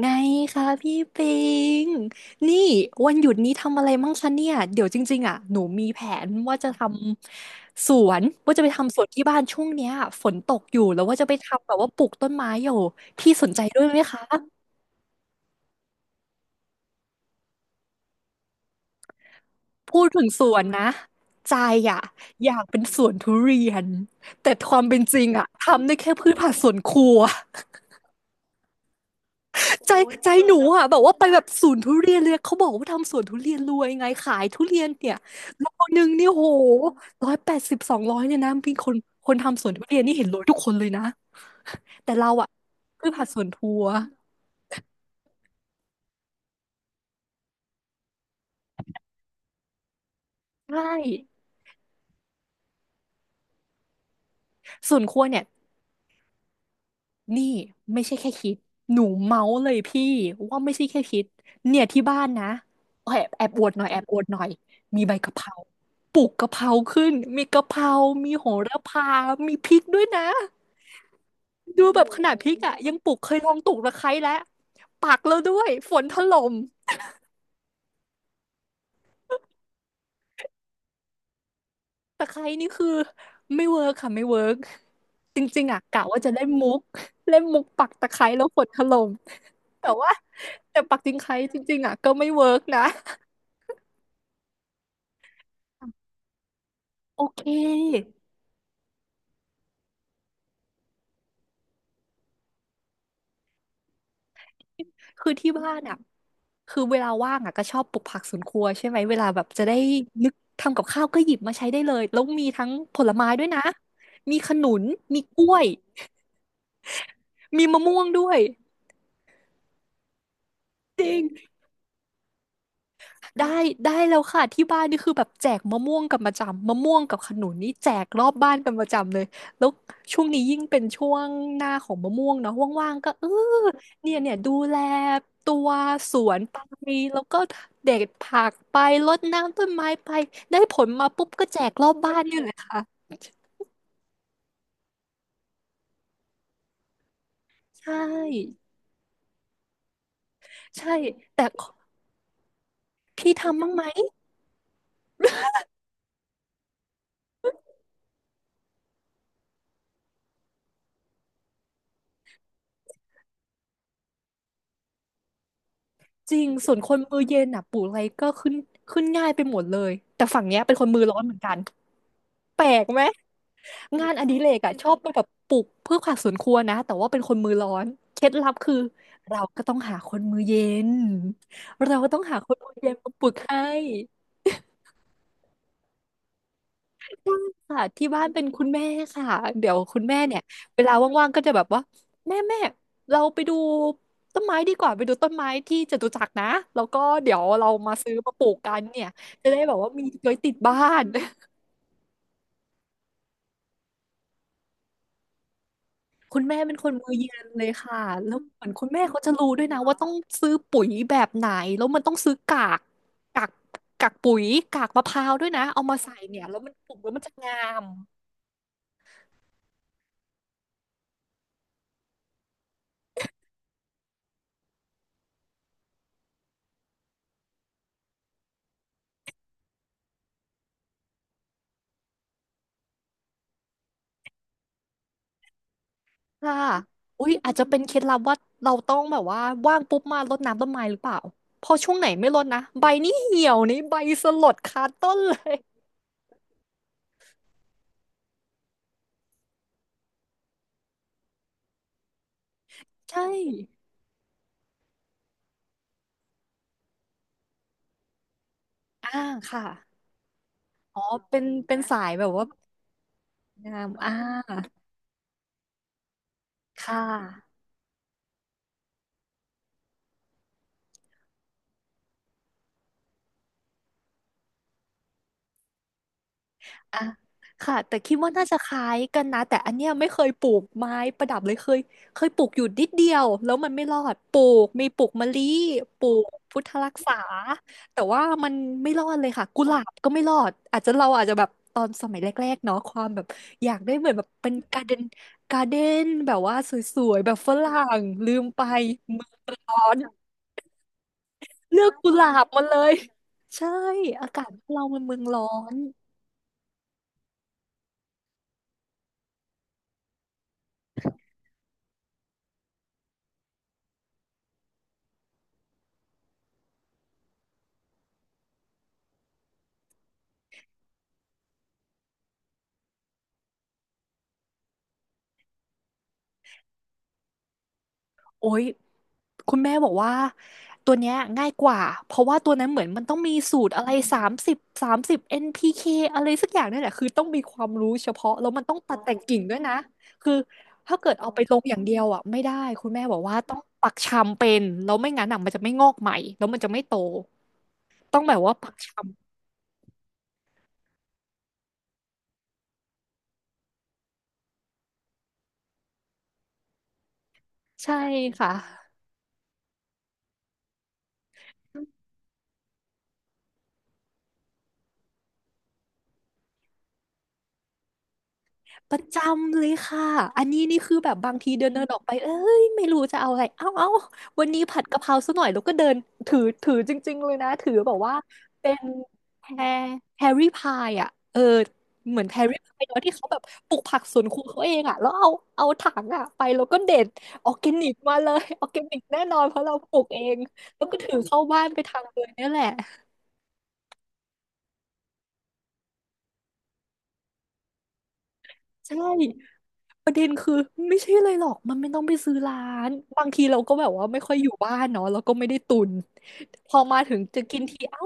ไงคะพี่ปิงนี่วันหยุดนี้ทำอะไรมั่งคะเนี่ยเดี๋ยวจริงๆอ่ะหนูมีแผนว่าจะทำสวนว่าจะไปทำสวนที่บ้านช่วงเนี้ยฝนตกอยู่แล้วว่าจะไปทำแบบว่าปลูกต้นไม้อยู่พี่สนใจด้วยไหมคะพูดถึงสวนนะใจอ่ะอยากเป็นสวนทุเรียนแต่ความเป็นจริงอ่ะทำได้แค่พืชผักสวนครัว ใจใจหนูอ่ะแบบว่าไปแบบสวนทุเรียนเลยเขาบอกว่าทำสวนทุเรียนรวยไงขายทุเรียนเนี่ยโลนึงนี่โห180200เนี่ยนะมีคนคนทำสวนทุเรียนนี่เห็นรวยทุกคนเลยนะแต่เราอ่ะคือผัดสวนครัวใช่ส่วนครัวเนี่ยนี่ไม่ใช่แค่คิดหนูเมาส์เลยพี่ว่าไม่ใช่แค่คิดเนี่ยที่บ้านนะแอบแอบอวดหน่อยแอบอวดหน่อยมีใบกะเพราปลูกกะเพราขึ้นมีกะเพรามีโหระพามีพริกด้วยนะ ดูแบบขนาดพริกอ่ะยังปลูกเคยลองปลูกตะไคร้แล้วปักแล้วด้วยฝนถล่มตะไคร้นี่คือไม่เวิร์กค่ะไม่เวิร์กจริงๆอ่ะกะว่าจะเล่นมุกเล่นมุกปักตะไคร้แล้วฝนถล่มแต่ว่าแต่ปักตะไคร้จริงๆอ่ะก็ไม่เวิร์กนะโอเคคือที่บ้านอ่ะคือเวลาว่างอ่ะก็ชอบปลูกผักสวนครัวใช่ไหมเวลาแบบจะได้นึกทำกับข้าวก็หยิบมาใช้ได้เลยแล้วมีทั้งผลไม้ด้วยนะมีขนุนมีกล้วยมีมะม่วงด้วย จริงได้ได้แล้วค่ะ ที่บ้านนี่คือแบบแจกมะม่วงกันประจำมะม่วงกับขนุนนี่แจกรอบบ้านกันประจำเลยแล้วช่วงนี้ยิ่งเป็นช่วงหน้าของมะม่วงเนาะว่างๆก็เออเนี่ยเนี่ยดูแลตัวสวนไปแล้วก็เด็ดผักไปรดน้ำต้นไม้ไปได้ผลมาปุ๊บก็แจกรอบบ้านเนี่ยแหละค่ะใช่ ใช่ แต่พี่ทำบ้างไหมจริงส่วนคนมือเย็นอ่ะปลูกอะไรก็ขึ้นขึ้นง่ายไปหมดเลยแต่ฝั่งเนี้ยเป็นคนมือร้อนเหมือนกัน แปลกไหมงานอดิเรกอะชอบไปแบบปลูกพืชผักสวนครัวนะแต่ว่าเป็นคนมือร้อนเคล็ดลับคือเราก็ต้องหาคนมือเย็นเราก็ต้องหาคนมือเย็นมาปลูกให้ค่ะที่บ้านเป็นคุณแม่ค่ะเดี๋ยวคุณแม่เนี่ยเวลาว่างๆก็จะแบบว่าแม่แม่เราไปดูต้นไม้ดีกว่าไปดูต้นไม้ที่จตุจักรนะแล้วก็เดี๋ยวเรามาซื้อมาปลูกกันเนี่ยจะได้แบบว่ามีไว้ติดบ้าน คุณแม่เป็นคนมือเย็นเลยค่ะแล้วเหมือนคุณแม่เขาจะรู้ด้วยนะว่าต้องซื้อปุ๋ยแบบไหน แล้วมันต้องซื้อกาก กากกากปุ๋ยกากมะพร้าวด้วยนะ เอามาใส่เนี่ยแล้วมันปลูกแล้วมันจะงาม ค่ะอุ๊ยอาจจะเป็นเคล็ดลับว่าเราต้องแบบว่าว่างปุ๊บมารดน้ำต้นไม้หรือเปล่าพอช่วงไหนไม่รดนะใบนี่เหี่ยวนี่ใบสลดคาต้นเลยใช่อ่าค่ะอ๋อเป็นสายแบบว่างามอ่าค่ะ อ่ะค่ะแต่คิดว่าน่าจะคล้ายกันนะแต่อันเนี้ยไม่เคยปลูกไม้ประดับเลยเคยปลูกอยู่นิดเดียวแล้วมันไม่รอดปลูกมีปลูกมะลิปลูกพุทธรักษาแต่ว่ามันไม่รอดเลยค่ะกุหลาบก็ไม่รอดอาจจะเราอาจจะแบบตอนสมัยแรกๆเนาะความแบบอยากได้เหมือนแบบเป็นการ์เดนการ์เดนแบบว่าสวยๆแบบฝรั่งลืมไปเมืองร้อนเลือกกุหลาบมาเลยใช่อากาศเรามันเมืองร้อนโอ้ย คุณแม่บอกว่าตัวเนี้ยง่ายกว่าเพราะว่าตัวนั้นเหมือนมันต้องมีสูตรอะไรสามสิบสามสิบ NPK อนพีเคอะไรสักอย่างนี่แหละคือต้องมีความรู้เฉพาะแล้วมันต้องตัดแต่งกิ่งด้วยนะคือถ้าเกิดเอาไปลงอย่างเดียวอ่ะไม่ได้คุณแม่บอกว่าต้องปักชำเป็นแล้วไม่งั้นอ่ะมันจะไม่งอกใหม่แล้วมันจะไม่โตต้องแบบว่าปักชำใช่ค่ะ ประจำเลยค่ะอันนี้นี่คือแบบบางทีเดินเดินออกไปเอ้ยไม่รู้จะเอาอะไรเอ้าเอ้าวันนี้ผัดกะเพราซะหน่อยแล้วก็เดินถือจริงๆเลยนะถือแบบว่าเป็นแพรแพรรี่พายอ่ะเออเหมือนแพรรี่พายเนาะที่เขาแบบปลูกผักสวนครัวเขาเองอ่ะแล้วเอาถังอ่ะไปแล้วก็เด็ดออร์แกนิกมาเลยออร์แกนิกแน่นอนเพราะเราปลูกเองแล้วก็ถือเข้าบ้านไปทำเลยเนี่ยแหละใช่ ประเด็นคือไม่ใช่เลยหรอกมันไม่ต้องไปซื้อร้านบางทีเราก็แบบว่าไม่ค่อยอยู่บ้านเนาะเราก็ไม่ได้ตุนพอมาถึงจะกินทีเอ้า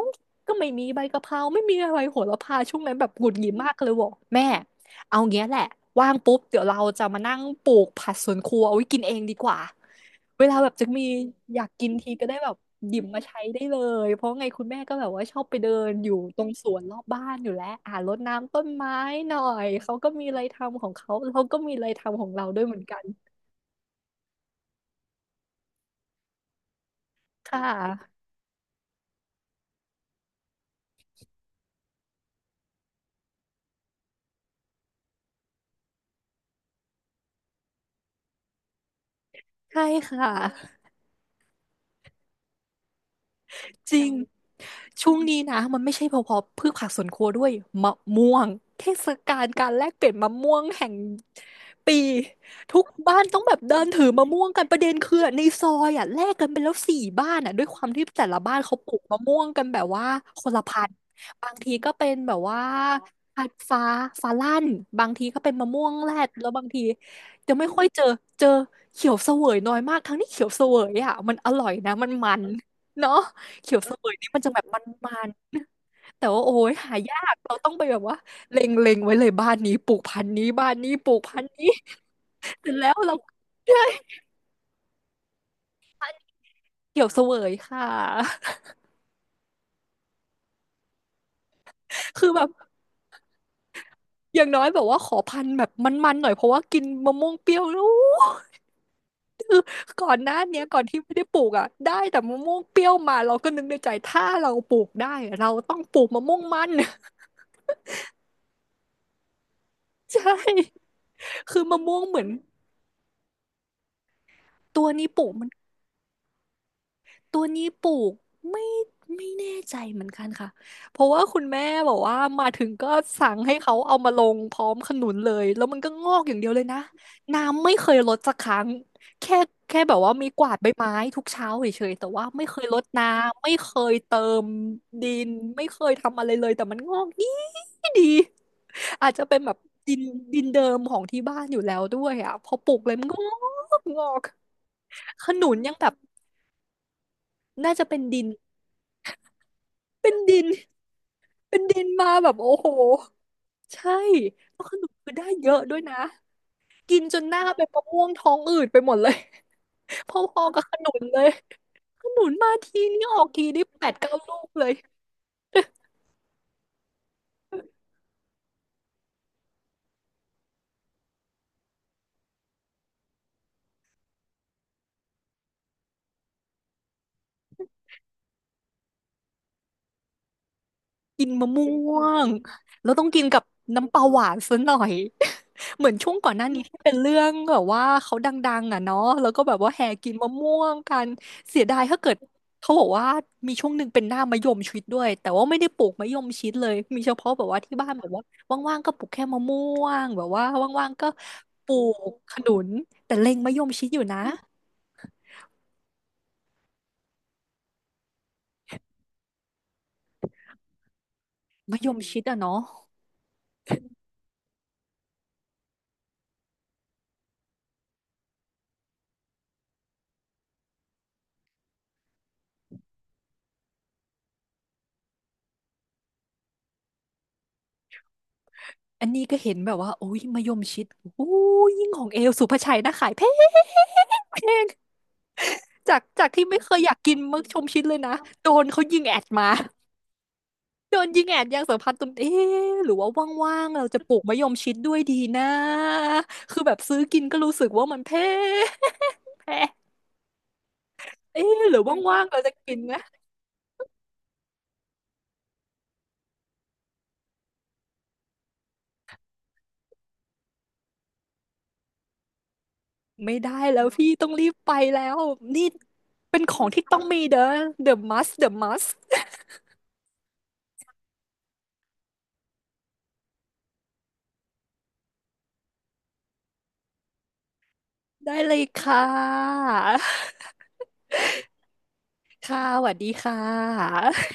ก็ไม่มีใบกะเพราไม่มีอะไรโหระพาช่วงนั้นแบบหงุดหงิดมากเลยบอกแม่เอาเงี้ยแหละว่างปุ๊บเดี๋ยวเราจะมานั่งปลูกผักสวนครัวเอาไว้กินเองดีกว่า เวลาแบบจะมีอยากกินทีก็ได้แบบหยิบมาใช้ได้เลยเพราะไงคุณแม่ก็แบบว่าชอบไปเดินอยู่ตรงสวนรอบบ้านอยู่แล้วรดน้ำต้นไม้หน่อยเขาก็มีอะไรทำของเขาเราก็มีอะไรทำของเราด้วยเหมือนกันค่ะใช่ค่ะ จริงช่วงนี้นะมันไม่ใช่เฉพาะพืชผักสวนครัวด้วยมะม่วงเทศกาลการแลกเปลี่ยนมะม่วงแห่งปีทุกบ้านต้องแบบเดินถือมะม่วงกันประเด็นคือในซอยแลกกันไปแล้วสี่บ้านด้วยความที่แต่ละบ้านเขาปลูกมะม่วงกันแบบว่าคนละพันธุ์บางทีก็เป็นแบบว่าพันธุ์ฟ้าฟ้าลั่นบางทีก็เป็นมะม่วงแรดแล้วบางทีจะไม่ค่อยเจอเจอเขียวเสวยน้อยมากทั้งที่เขียวเสวยมันอร่อยนะมันมันเนาะ เขียวเสวยนี่มันจะแบบมันๆแต่ว่าโอ้ยหายากเราต้องไปแบบว่าเล็งไว้เลยบ้านนี้ปลูกพันธุ์นี้บ้านนี้ปลูกพันธุ์นี้เสร็จแล้วเราได้เขียวเสวยค่ะคือแบบอย่างน้อยแบบว่าขอพันธุ์แบบมันๆหน่อยเพราะว่ากินมะม่วงเปรี้ยวแล้วก่อนหน้าเนี้ยก่อนที่ไม่ได้ปลูกได้แต่มะม่วงเปรี้ยวมาเราก็นึกในใจถ้าเราปลูกได้อะเราต้องปลูกมะม่วงมัน ใช่คือมะม่วงเหมือนตัวนี้ปลูกมัน ตัวนี้ปลูกไม่ไม่แน่ใจเหมือนกันค่ะเพราะว่าคุณแม่บอกว่ามาถึงก็สั่งให้เขาเอามาลงพร้อมขนุนเลยแล้วมันก็งอกอย่างเดียวเลยนะน้ำไม่เคยลดสักครั้งแค่แค่แบบว่ามีกวาดใบไม้ทุกเช้าเฉยๆแต่ว่าไม่เคยลดน้ำไม่เคยเติมดินไม่เคยทำอะไรเลยแต่มันงอกดีดีอาจจะเป็นแบบดินดินเดิมของที่บ้านอยู่แล้วด้วยพอปลูกเลยมันก็งอกขนุนยังแบบน่าจะเป็นดินเป็นดิน เป็นดินมาแบบโอ้โหใช่แล้วขนมคือได้เยอะด้วยนะกินจนหน้าเป็นมะม่วงท้องอืดไปหมดเลย พอๆกับขนุนเลยขนุนมาทีนี่ออกทีนี่แปดเก้าลูกเลย กินมะม่วงแล้วต้องกินกับน้ำปลาหวานซะหน่อย เหมือนช่วงก่อนหน้านี้ที่เป็นเรื่องแบบว่าเขาดังๆเนาะแล้วก็แบบว่าแห่กินมะม่วงกันเสียดายถ้าเกิดเขาบอกว่ามีช่วงหนึ่งเป็นหน้ามะยมชิดด้วยแต่ว่าไม่ได้ปลูกมะยมชิดเลยมีเฉพาะแบบว่าที่บ้านแบบว่าว่างๆก็ปลูกแค่มะม่วงแบบว่าว่างๆก็ปลูกขนุนแต่เล็งมะยมชิดอยู่นะมะยมชิดเนาะ อันนี้ก็เห็นแบบว่าโอ้ยมะยมชิดโอ้ยยิ่งของเอลสุภาชัยนะขายแพงแพงจากที่ไม่เคยอยากกินมะยมชิดเลยนะโดนเขายิงแอดมาโดนยิงแอดยางสัมพันธ์ตนเอ๊ะหรือว่าว่างๆเราจะปลูกมะยมชิดด้วยดีนะคือแบบซื้อกินก็รู้สึกว่ามันแพงแพงเอ๊ะหรือว่างๆเราจะกินนะไม่ได้แล้วพี่ต้องรีบไปแล้วนี่เป็นของที่ต้องมีเด้อ The must The must ได้เลยค่ะ ค่ะสวัสดีค่ะ